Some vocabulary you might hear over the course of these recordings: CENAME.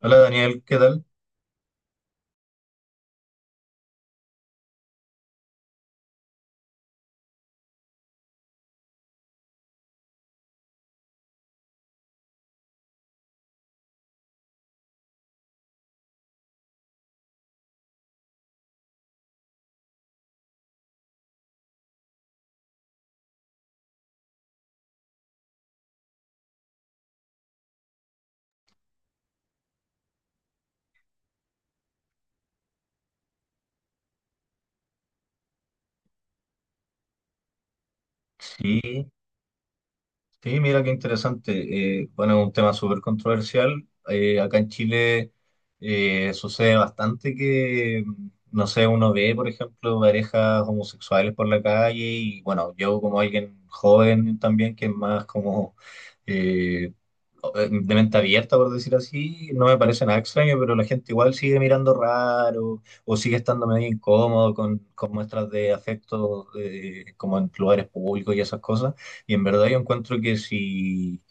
Hola Daniel, ¿qué tal? Sí, sí, mira qué interesante. Bueno, es un tema súper controversial. Acá en Chile sucede bastante que, no sé, uno ve, por ejemplo, parejas homosexuales por la calle y bueno, yo como alguien joven también, que es más como, eh, de mente abierta, por decir así, no me parece nada extraño, pero la gente igual sigue mirando raro o sigue estando medio incómodo con muestras de afecto como en lugares públicos y esas cosas. Y en verdad yo encuentro que si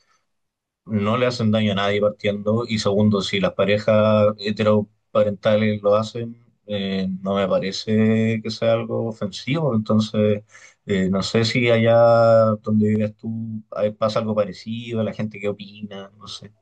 no le hacen daño a nadie partiendo y segundo, si las parejas heteroparentales lo hacen, no me parece que sea algo ofensivo. Entonces… no sé si allá donde vives tú pasa algo parecido, la gente qué opina, no sé.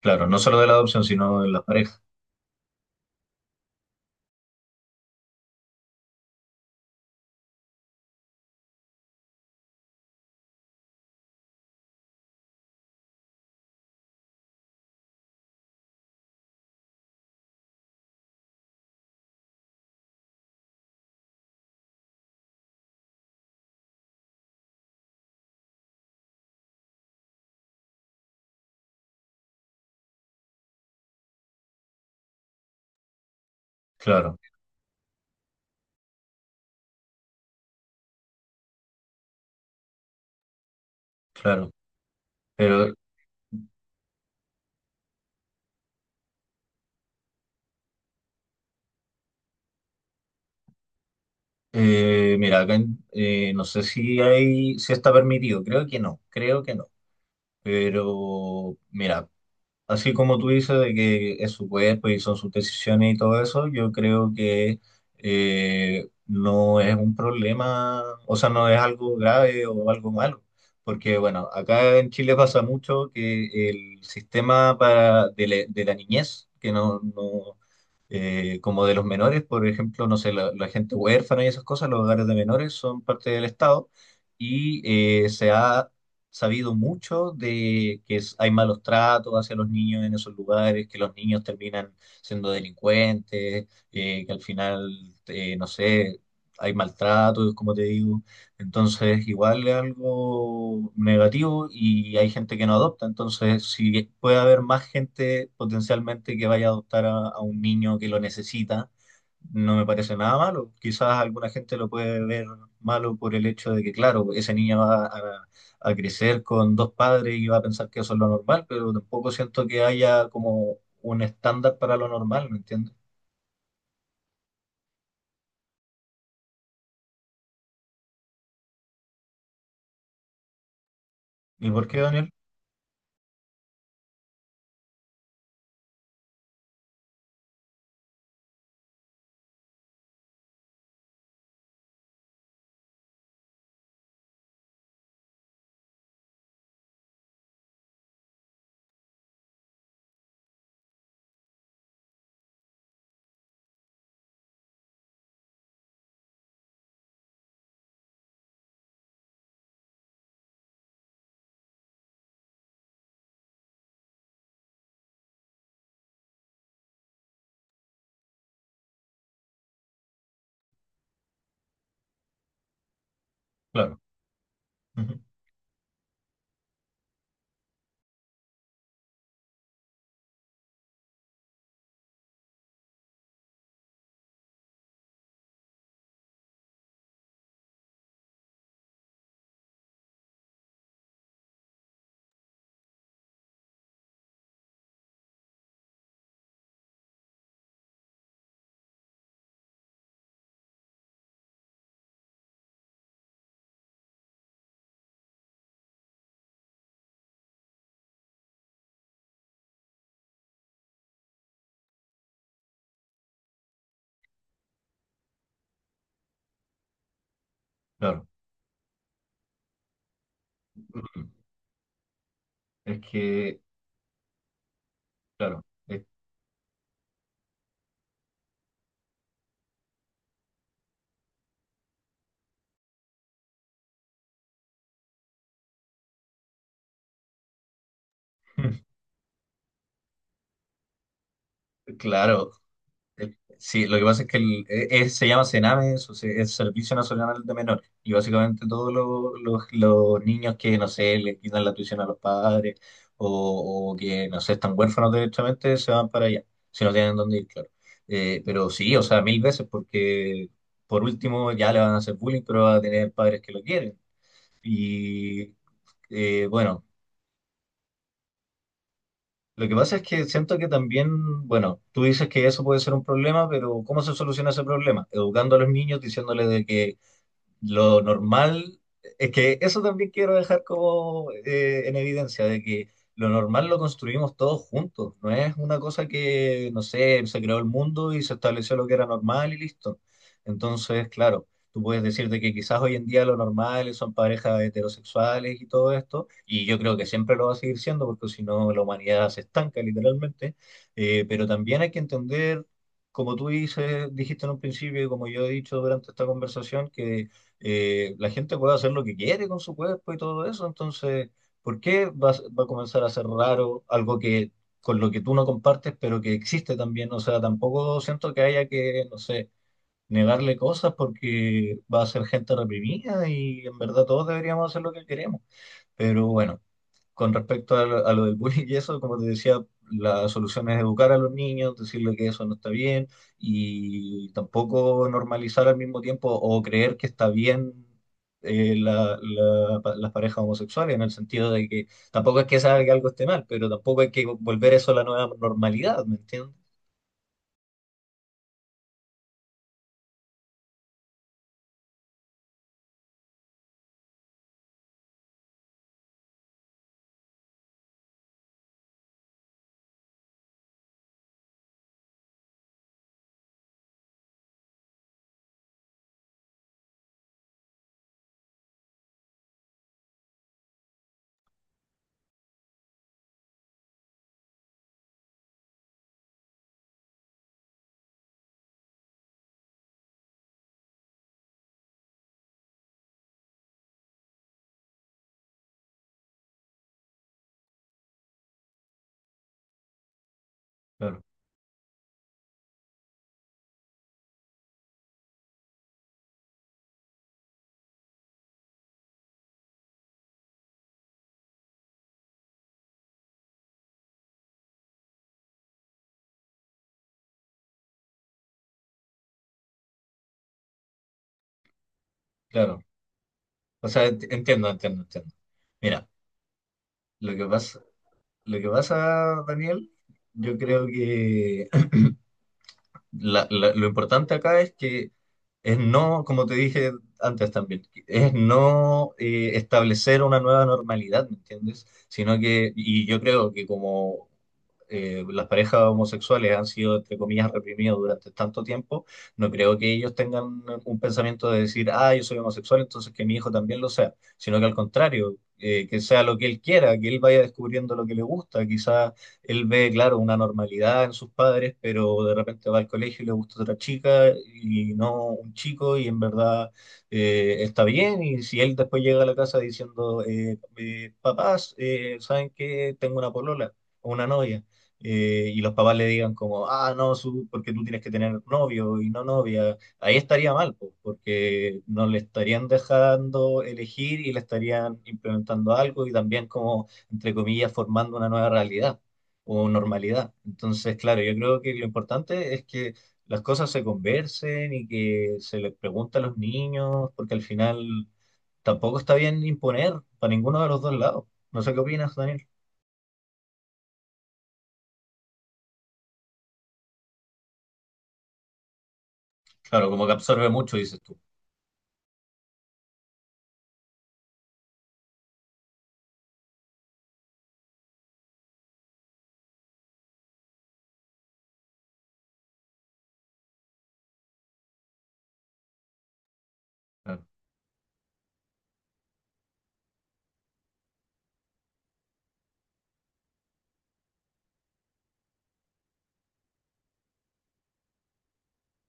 Claro, no solo de la adopción, sino de la pareja. Claro, claro. Pero mira, acá no sé si hay, si está permitido. Creo que no, creo que no. Pero mira, así como tú dices de que es su cuerpo y son sus decisiones y todo eso, yo creo que no es un problema, o sea, no es algo grave o algo malo. Porque bueno, acá en Chile pasa mucho que el sistema para, de la niñez, que como de los menores, por ejemplo, no sé, la gente huérfana y esas cosas, los hogares de menores son parte del Estado y se ha sabido mucho de que hay malos tratos hacia los niños en esos lugares, que los niños terminan siendo delincuentes, que al final, no sé, hay maltratos, como te digo. Entonces, igual es algo negativo y hay gente que no adopta. Entonces, si puede haber más gente potencialmente que vaya a adoptar a un niño que lo necesita, no me parece nada malo. Quizás alguna gente lo puede ver malo por el hecho de que, claro, ese niño va a crecer con dos padres y va a pensar que eso es lo normal, pero tampoco siento que haya como un estándar para lo normal, ¿me entiendes? ¿Y por qué, Daniel? Claro, ujú, claro. Ujú. Es que, claro. Claro, sí, lo que pasa es que se llama CENAME, o sea es Servicio Nacional de Menores, y básicamente todos los, los niños que, no sé, le quitan la tuición a los padres o que, no sé, están huérfanos directamente, se van para allá, si no tienen dónde ir, claro. Pero sí, o sea, mil veces, porque por último ya le van a hacer bullying, pero va a tener padres que lo quieren. Y bueno. Lo que pasa es que siento que también, bueno, tú dices que eso puede ser un problema, pero ¿cómo se soluciona ese problema? Educando a los niños, diciéndoles de que lo normal, es que eso también quiero dejar como en evidencia, de que lo normal lo construimos todos juntos, no es una cosa que, no sé, se creó el mundo y se estableció lo que era normal y listo. Entonces, claro, tú puedes decirte que quizás hoy en día lo normal son parejas heterosexuales y todo esto, y yo creo que siempre lo va a seguir siendo, porque si no la humanidad se estanca literalmente. Pero también hay que entender… Como tú dices, dijiste en un principio y como yo he dicho durante esta conversación, que la gente puede hacer lo que quiere con su cuerpo y todo eso, entonces, ¿por qué va, va a comenzar a ser raro algo que con lo que tú no compartes, pero que existe también? O sea, tampoco siento que haya que, no sé, negarle cosas porque va a ser gente reprimida y en verdad todos deberíamos hacer lo que queremos. Pero bueno. Con respecto a, lo del bullying y eso, como te decía, la solución es educar a los niños, decirle que eso no está bien y tampoco normalizar al mismo tiempo o creer que está bien las parejas homosexuales, en el sentido de que tampoco es que sea que algo esté mal, pero tampoco hay que volver eso a la nueva normalidad, ¿me entiendes? Claro, claro. O sea, entiendo, entiendo, entiendo. Mira, lo que pasa, lo que pasa, Daniel, yo creo que lo importante acá es que es no, como te dije antes también, es no establecer una nueva normalidad, ¿me entiendes? Sino que, y yo creo que como las parejas homosexuales han sido, entre comillas, reprimidos durante tanto tiempo, no creo que ellos tengan un pensamiento de decir, ah, yo soy homosexual, entonces que mi hijo también lo sea, sino que al contrario, que sea lo que él quiera, que él vaya descubriendo lo que le gusta, quizás él ve, claro, una normalidad en sus padres, pero de repente va al colegio y le gusta otra chica y no un chico y en verdad está bien. Y si él después llega a la casa diciendo, papás, ¿saben qué? Tengo una polola o una novia. Y los papás le digan como, ah, no, su, porque tú tienes que tener novio y no novia, ahí estaría mal, po, porque no le estarían dejando elegir y le estarían implementando algo y también como, entre comillas, formando una nueva realidad o normalidad. Entonces, claro, yo creo que lo importante es que las cosas se conversen y que se les pregunte a los niños, porque al final tampoco está bien imponer para ninguno de los dos lados. No sé qué opinas, Daniel. Claro, como que absorbe mucho, dices tú. Claro,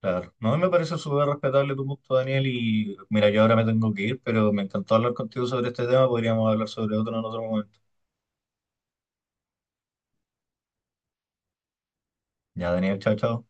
claro. No, a mí me parece súper respetable tu punto, Daniel, y mira, yo ahora me tengo que ir, pero me encantó hablar contigo sobre este tema, podríamos hablar sobre otro en otro momento. Ya, Daniel, chao, chao.